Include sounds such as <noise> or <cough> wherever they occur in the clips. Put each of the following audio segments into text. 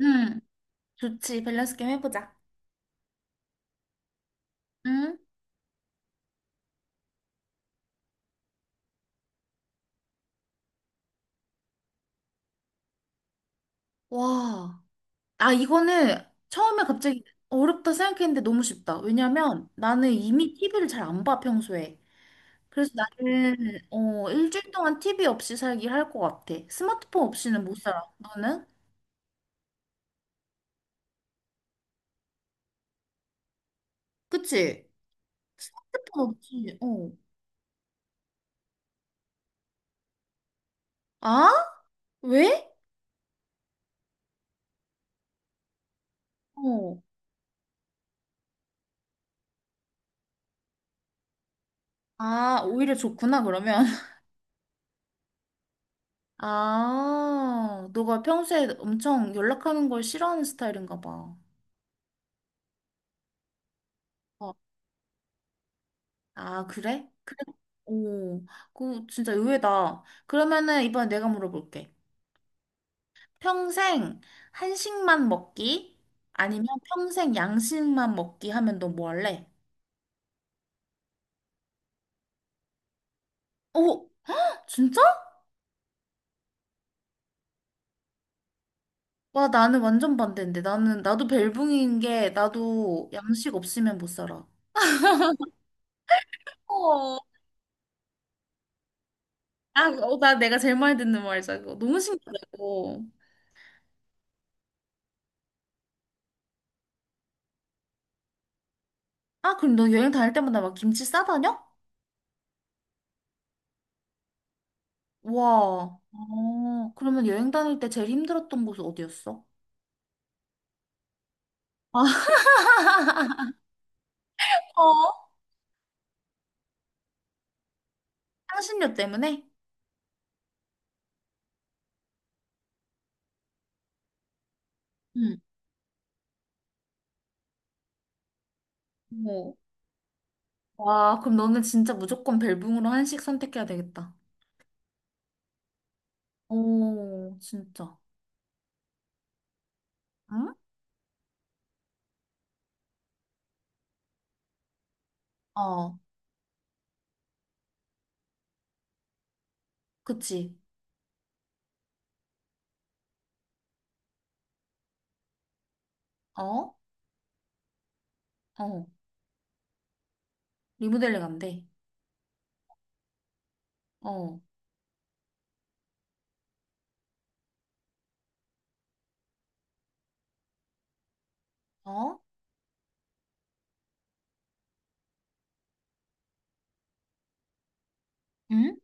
응, 좋지. 밸런스 게임 해보자. 응? 와. 아, 이거는 처음에 갑자기 어렵다 생각했는데 너무 쉽다. 왜냐면 나는 이미 TV를 잘 안 봐, 평소에. 그래서 나는 어, 일주일 동안 TV 없이 살기 할 것 같아. 스마트폰 없이는 못 살아. 너는? 그치? 스마트폰 없이. 어. 아? 왜? 어. 아, 오히려 좋구나, 그러면. <laughs> 아, 너가 평소에 엄청 연락하는 걸 싫어하는 스타일인가 봐. 아. 아, 그래? 그래? 오, 그 진짜 의외다. 그러면은 이번에 내가 물어볼게. 평생 한식만 먹기? 아니면 평생 양식만 먹기 하면 너 뭐 할래? 오, 진짜? 와, 나는 완전 반대인데. 나도 벨붕인 게, 나도 양식 없으면 못 살아. 어. 아, 어, 나 내가 제일 많이 듣는 말이야, 이거. 너무 신기하고. 아, 그럼 너 여행 다닐 때마다 막 김치 싸다녀? 와, 어, 그러면 여행 다닐 때 제일 힘들었던 곳은 어디였어? 아, <laughs> 어? 향신료 때문에? 응. 어. 와, 그럼 너는 진짜 무조건 벨붕으로 한식 선택해야 되겠다. 오, 진짜. 응? 어, 그치. 어? 어. 리모델링 안 돼. 어. 어? 응?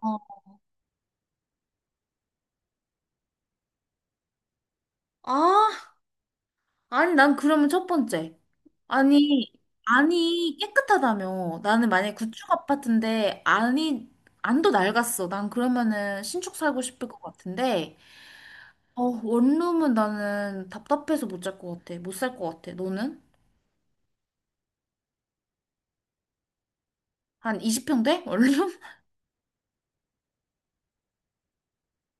어. 아, 아니, 난 그러면 첫 번째. 아니, 안이 깨끗하다며. 나는 만약에 구축 아파트인데 안이 안도 낡았어. 난 그러면은 신축 살고 싶을 것 같은데. 어, 원룸은 나는 답답해서 못 살 것 같아. 못 살 것 같아. 너는? 한 20평 돼? 원룸? <laughs>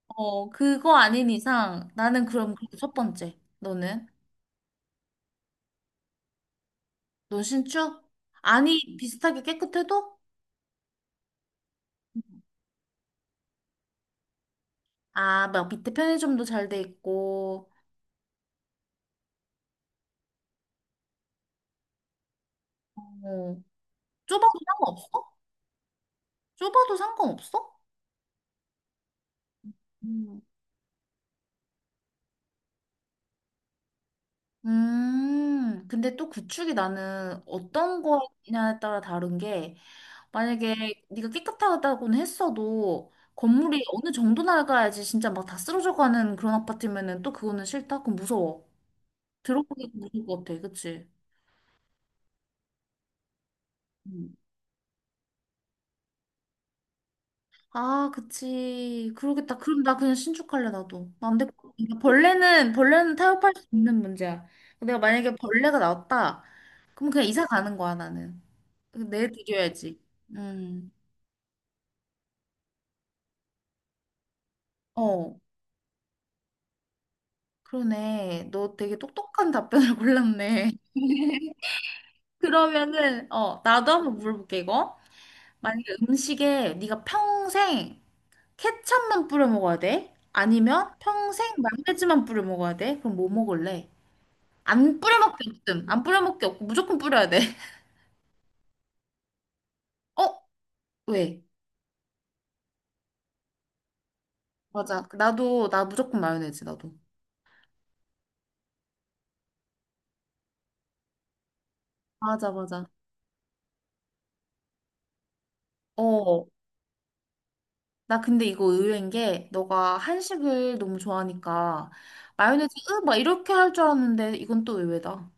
어, 그거 아닌 이상 나는 그럼 그게 첫 번째. 너는? 넌 신축? 안이 비슷하게 깨끗해도? 아, 막 밑에 편의점도 잘 돼 있고. 어, 좁아도 상관없어? 좁아도 상관없어? 근데 또 구축이 나는 어떤 거냐에 따라 다른 게, 만약에 네가 깨끗하다고는 했어도 건물이 어느 정도 낡아야지 진짜 막 다 쓰러져 가는 그런 아파트면은 또 그거는 싫다? 그건 무서워. 들어보기도 무서울 것 같아, 그치? 음. 아, 그치. 그러겠다. 그럼 나 그냥 신축할래, 나도. 나 안 될 것 같아. 벌레는, 벌레는 타협할 수 있는 문제야. 내가 만약에 벌레가 나왔다, 그럼 그냥 이사 가는 거야, 나는. 그 내드려야지. 음. 어, 그러네. 너 되게 똑똑한 답변을 <laughs> 골랐네. 그러면은 어, 나도 한번 물어볼게 이거. 만약에 음식에 네가 평생 케첩만 뿌려 먹어야 돼? 아니면 평생 마요네즈만 뿌려 먹어야 돼? 그럼 뭐 먹을래? 안 뿌려 먹기 없음. 안 뿌려 먹기 없고 무조건 뿌려야 돼. <laughs> 어? 왜? 맞아. 나도 나 무조건 마요네즈 나도. 맞아, 맞아. 어, 나 근데 이거 의외인 게 너가 한식을 너무 좋아하니까 마요네즈 으, 막 이렇게 할 줄 알았는데 이건 또 의외다.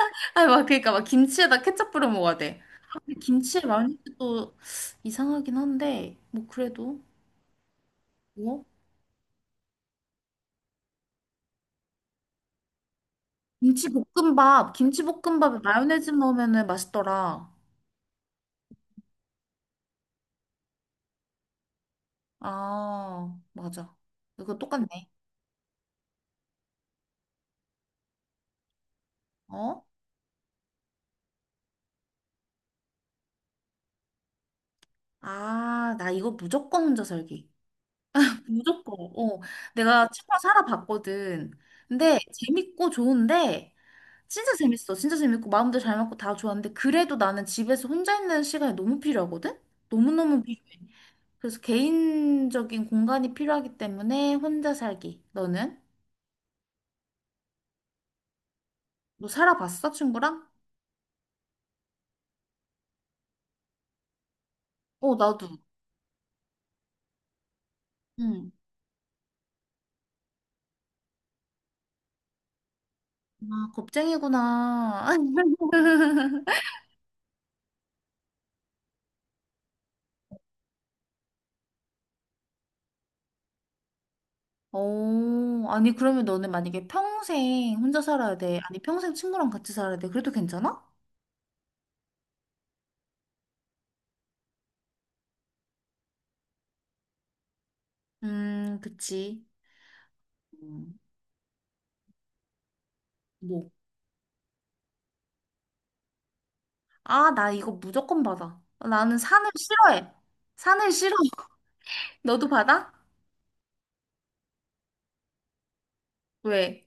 <laughs> 아니 막 그러니까 막 김치에다 케첩 뿌려 먹어야 돼. 근데 김치에 마요네즈도 이상하긴 한데 뭐 그래도 뭐 김치 볶음밥 김치 볶음밥에 마요네즈 넣으면은 맛있더라. 아 맞아. 이거 똑같네. 어? 아 나 이거 무조건 혼자 살기. 무조건. 어, 내가 책방 살아봤거든. 근데 재밌고 좋은데 진짜 재밌어. 진짜 재밌고 마음도 잘 맞고 다 좋았는데 그래도 나는 집에서 혼자 있는 시간이 너무 필요하거든. 너무너무 필요해. 그래서 개인적인 공간이 필요하기 때문에 혼자 살기. 너는? 너 살아봤어, 친구랑? 어, 나도. 응. 아, 겁쟁이구나. <laughs> 오, 아니, 그러면 너는 만약에 평생 혼자 살아야 돼. 아니, 평생 친구랑 같이 살아야 돼. 그래도 괜찮아? 그치. 음, 뭐, 아, 나 이거 무조건 받아. 나는 산을 싫어해. 산을 싫어. <laughs> 너도 받아? 왜?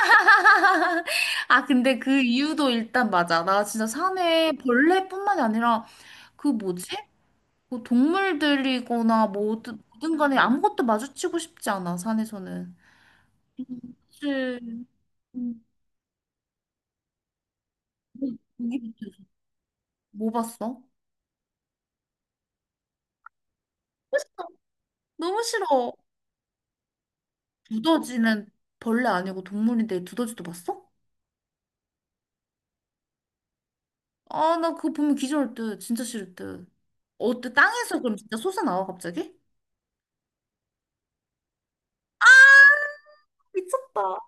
<laughs> 아, 근데 그 이유도 일단 맞아. 나 진짜 산에 벌레뿐만이 아니라 그 뭐지? 그 동물들이거나 뭐든 뭐든 간에 아무것도 마주치고 싶지 않아, 산에서는. 그치. 음, 음, 기 밑에서. 뭐 봤어? 너무 싫어. 너무 싫어. 두더지는 벌레 아니고 동물인데 두더지도 봤어? 아, 나 그거 보면 기절할 듯. 진짜 싫을 듯. 어때? 땅에서 그럼 진짜 솟아나와, 갑자기? 미쳤다.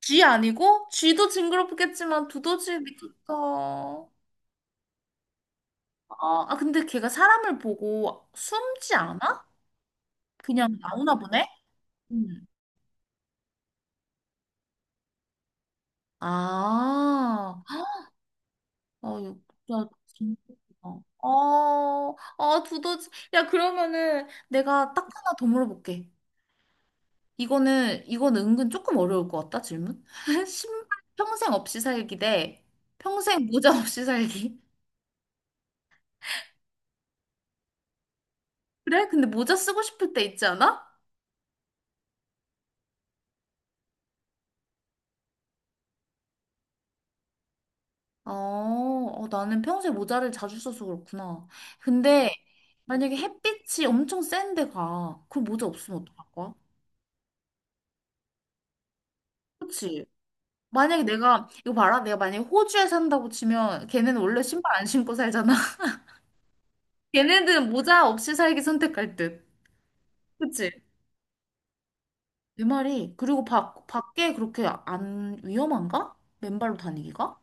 쥐 아니고? 쥐도 징그럽겠지만 두더지 미쳤다. 아, 아, 근데 걔가 사람을 보고 숨지 않아? 그냥 나오나 보네? 응. 아, 아, 진짜 징그럽 어, 아, 두더지. 야, 그러면은 내가 딱 하나 더 물어볼게. 이거는, 이건 은근 조금 어려울 것 같다, 질문. <laughs> 신발 평생 없이 살기 대 평생 모자 없이 살기. <laughs> 그래? 근데 모자 쓰고 싶을 때 있지 않아? 어, 어, 나는 평소에 모자를 자주 써서 그렇구나. 근데 만약에 햇빛이 엄청 센데 가. 그럼 모자 없으면 어떡할 거야? 그치? 만약에 내가, 이거 봐라. 내가 만약에 호주에 산다고 치면 걔네는 원래 신발 안 신고 살잖아. <laughs> 걔네들은 모자 없이 살기 선택할 듯. 그치? 내 말이. 그리고 밖 밖에 그렇게 안 위험한가? 맨발로 다니기가?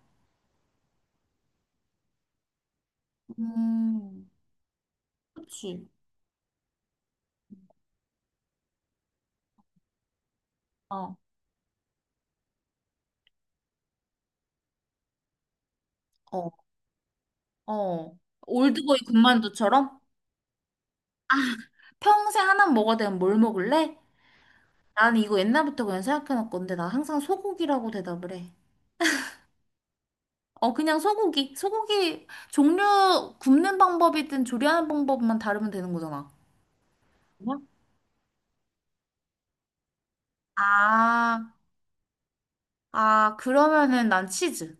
음, 그치. 어, 어, 어. 올드보이 군만두처럼 평생 하나 먹어야 되면 뭘 먹을래? 나는 이거 옛날부터 그냥 생각해놨건데 나 항상 소고기라고 대답을 해. 어, 그냥 소고기. 소고기 종류 굽는 방법이든 조리하는 방법만 다르면 되는 거잖아. 뭐? 아, 아, 그러면은 난 치즈.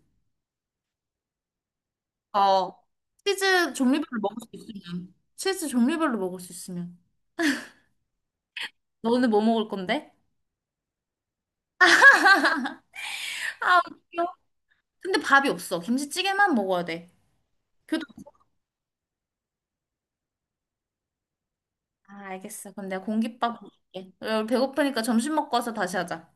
어, 치즈 종류별로 먹을 수 있으면. 치즈 종류별로 먹을 수 있으면. 너는 뭐 먹을 건데? 아, 웃겨. 근데 밥이 없어. 김치찌개만 먹어야 돼. 교도. 아, 알겠어. 그럼 내가 공깃밥 먹을게. 야, 우리 배고프니까 점심 먹고 와서 다시 하자.